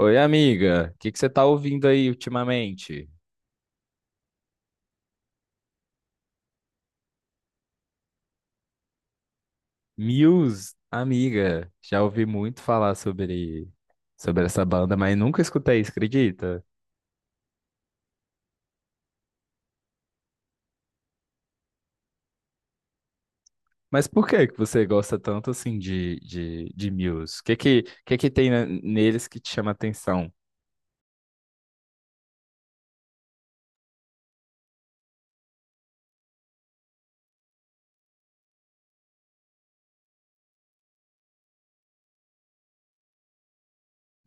Oi, amiga. O que que você tá ouvindo aí ultimamente? Muse, amiga. Já ouvi muito falar sobre essa banda, mas nunca escutei isso, acredita? Mas por que que você gosta tanto assim de Muse? O que que tem neles que te chama atenção?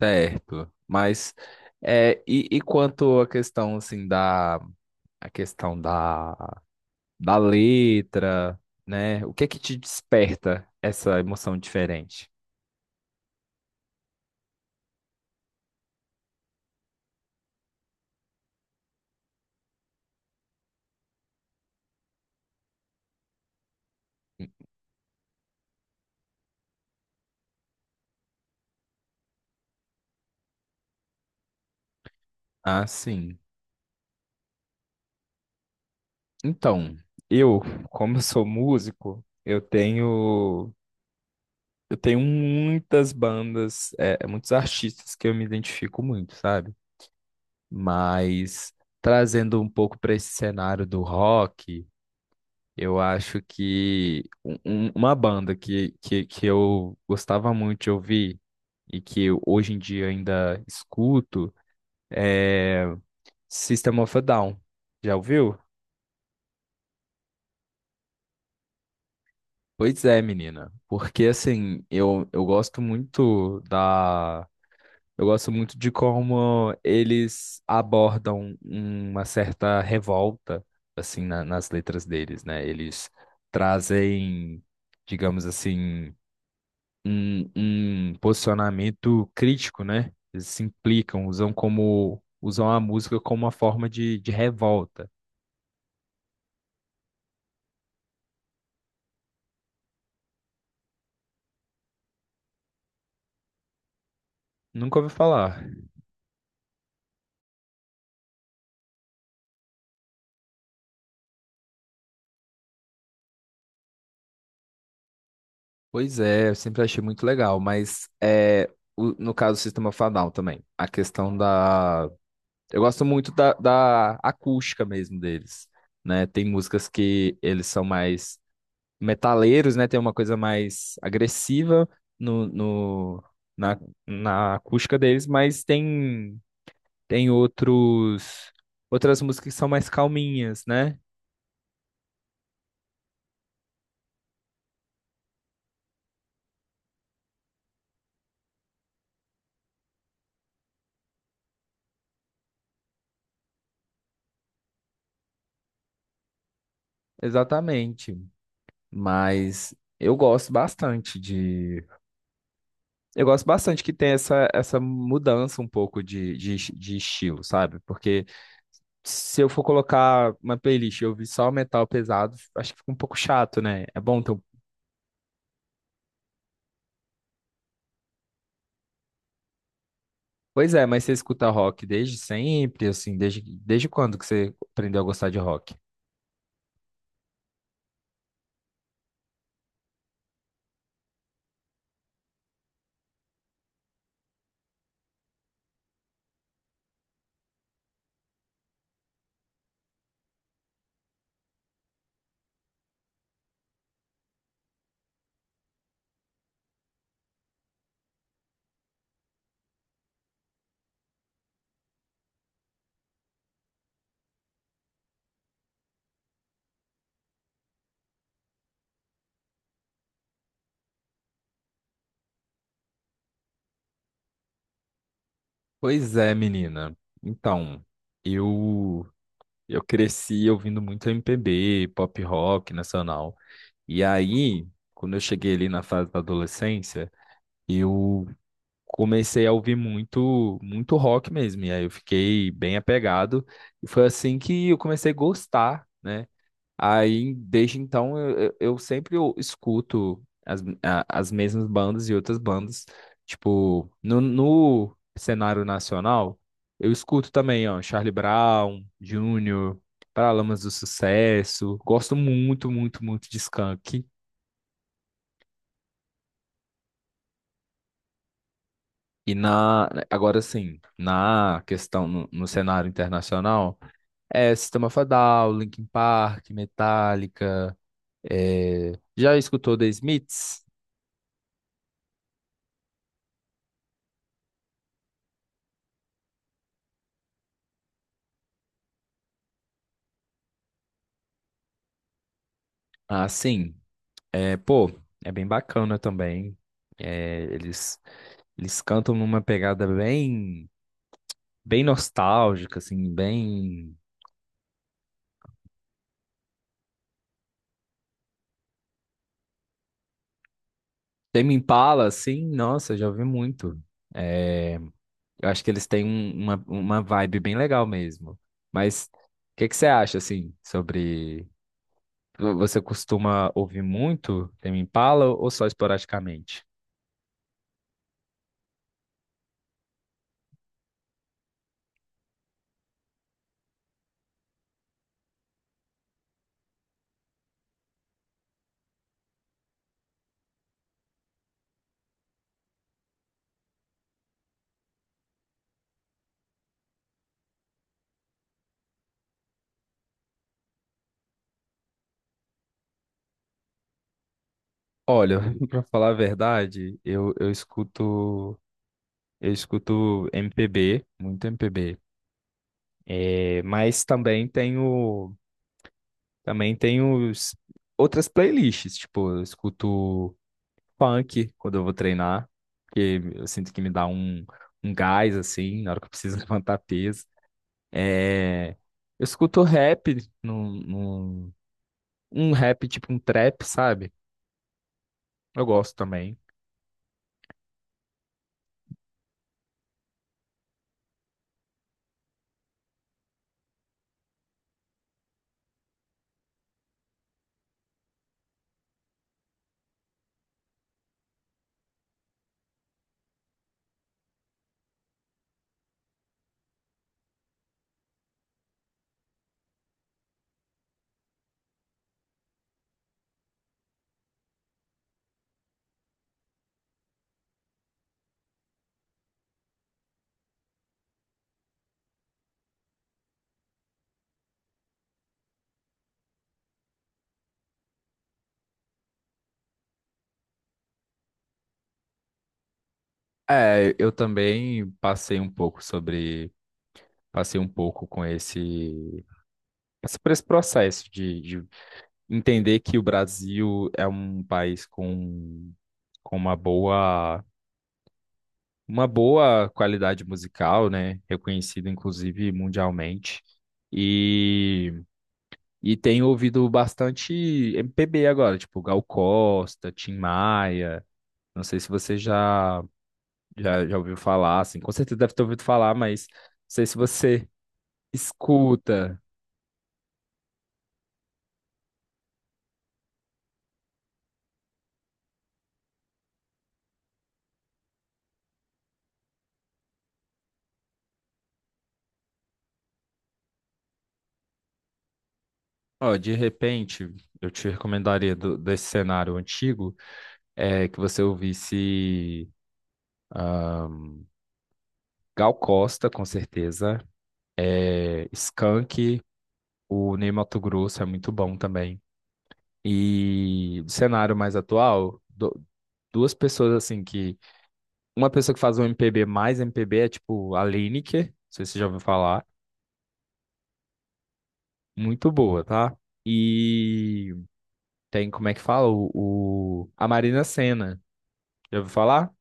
Certo. Mas é, e quanto à questão assim da a questão da da letra, né? O que que te desperta essa emoção diferente? Ah, sim. Então, eu, como eu sou músico, eu tenho muitas bandas, é muitos artistas que eu me identifico muito, sabe? Mas trazendo um pouco para esse cenário do rock, eu acho que uma banda que eu gostava muito de ouvir e que eu, hoje em dia ainda escuto é System of a Down. Já ouviu? Pois é, menina, porque assim, eu gosto muito da. Eu gosto muito de como eles abordam uma certa revolta, assim, nas letras deles, né? Eles trazem, digamos assim, um posicionamento crítico, né? Eles se implicam, usam a música como uma forma de revolta. Nunca ouvi falar. Pois é, eu sempre achei muito legal, mas é, no caso do Sistema Fadal também, a questão da... Eu gosto muito da acústica mesmo deles, né? Tem músicas que eles são mais metaleiros, né? Tem uma coisa mais agressiva no, no, na, na acústica deles, mas tem, tem outros, outras músicas que são mais calminhas, né? Exatamente, mas eu gosto bastante eu gosto bastante que tem essa mudança um pouco de estilo, sabe? Porque se eu for colocar uma playlist e ouvir só metal pesado, acho que fica um pouco chato, né? É bom ter um... Pois é, mas você escuta rock desde sempre, assim, desde quando que você aprendeu a gostar de rock? Pois é, menina. Então, eu eu cresci ouvindo muito MPB, pop rock nacional. E aí, quando eu cheguei ali na fase da adolescência, eu comecei a ouvir muito, muito rock mesmo. E aí eu fiquei bem apegado. E foi assim que eu comecei a gostar, né? Aí, desde então, eu sempre eu escuto as mesmas bandas e outras bandas. Tipo, no cenário nacional, eu escuto também, ó, Charlie Brown, Júnior, Paralamas do Sucesso. Gosto muito, muito, muito de Skank. E na, agora sim, na questão, no cenário internacional, é, System of a Down, Linkin Park, Metallica. É, já escutou The Smiths? Ah, sim. É, pô, é bem bacana também. É, eles, eles cantam numa pegada bem nostálgica, assim, bem. Tame Impala, assim, nossa, já ouvi muito. É, eu acho que eles têm uma vibe bem legal mesmo. Mas o que que você acha, assim, sobre. Você costuma ouvir muito Tame Impala ou só esporadicamente? Olha, para falar a verdade, eu escuto MPB, muito MPB. É, mas também tenho outras playlists, tipo, eu escuto funk quando eu vou treinar, porque eu sinto que me dá um gás assim, na hora que eu preciso levantar peso. É, eu escuto rap, num, num- um rap tipo um trap, sabe? Eu gosto também. É, eu também passei um pouco com por esse processo de entender que o Brasil é um país com, com uma boa, uma boa qualidade musical, né? Reconhecido inclusive mundialmente. E, e tenho ouvido bastante MPB agora, tipo Gal Costa, Tim Maia. Não sei se você já ouviu falar, assim, com certeza deve ter ouvido falar, mas não sei se você escuta. Ó, de repente, eu te recomendaria desse cenário antigo é, que você ouvisse ah, Gal Costa, com certeza, é, Skank, o Ney Matogrosso é muito bom também. E do cenário mais atual, duas pessoas assim que. Uma pessoa que faz um MPB mais MPB é tipo a Lineker, não sei se você já ouviu falar. Muito boa, tá? E tem, como é que fala? O, a Marina Sena. Já ouviu falar?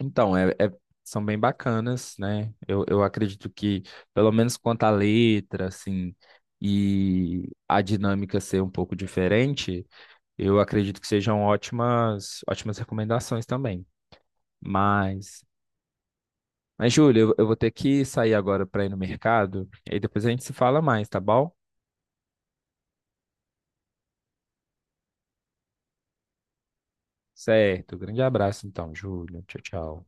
Então, são bem bacanas, né? Eu acredito que, pelo menos quanto à letra, assim, e a dinâmica ser um pouco diferente, eu acredito que sejam ótimas, ótimas recomendações também. Mas, mas Júlia, eu vou ter que sair agora para ir no mercado, e aí depois a gente se fala mais, tá bom? Certo, grande abraço então, Júlia. Tchau, tchau.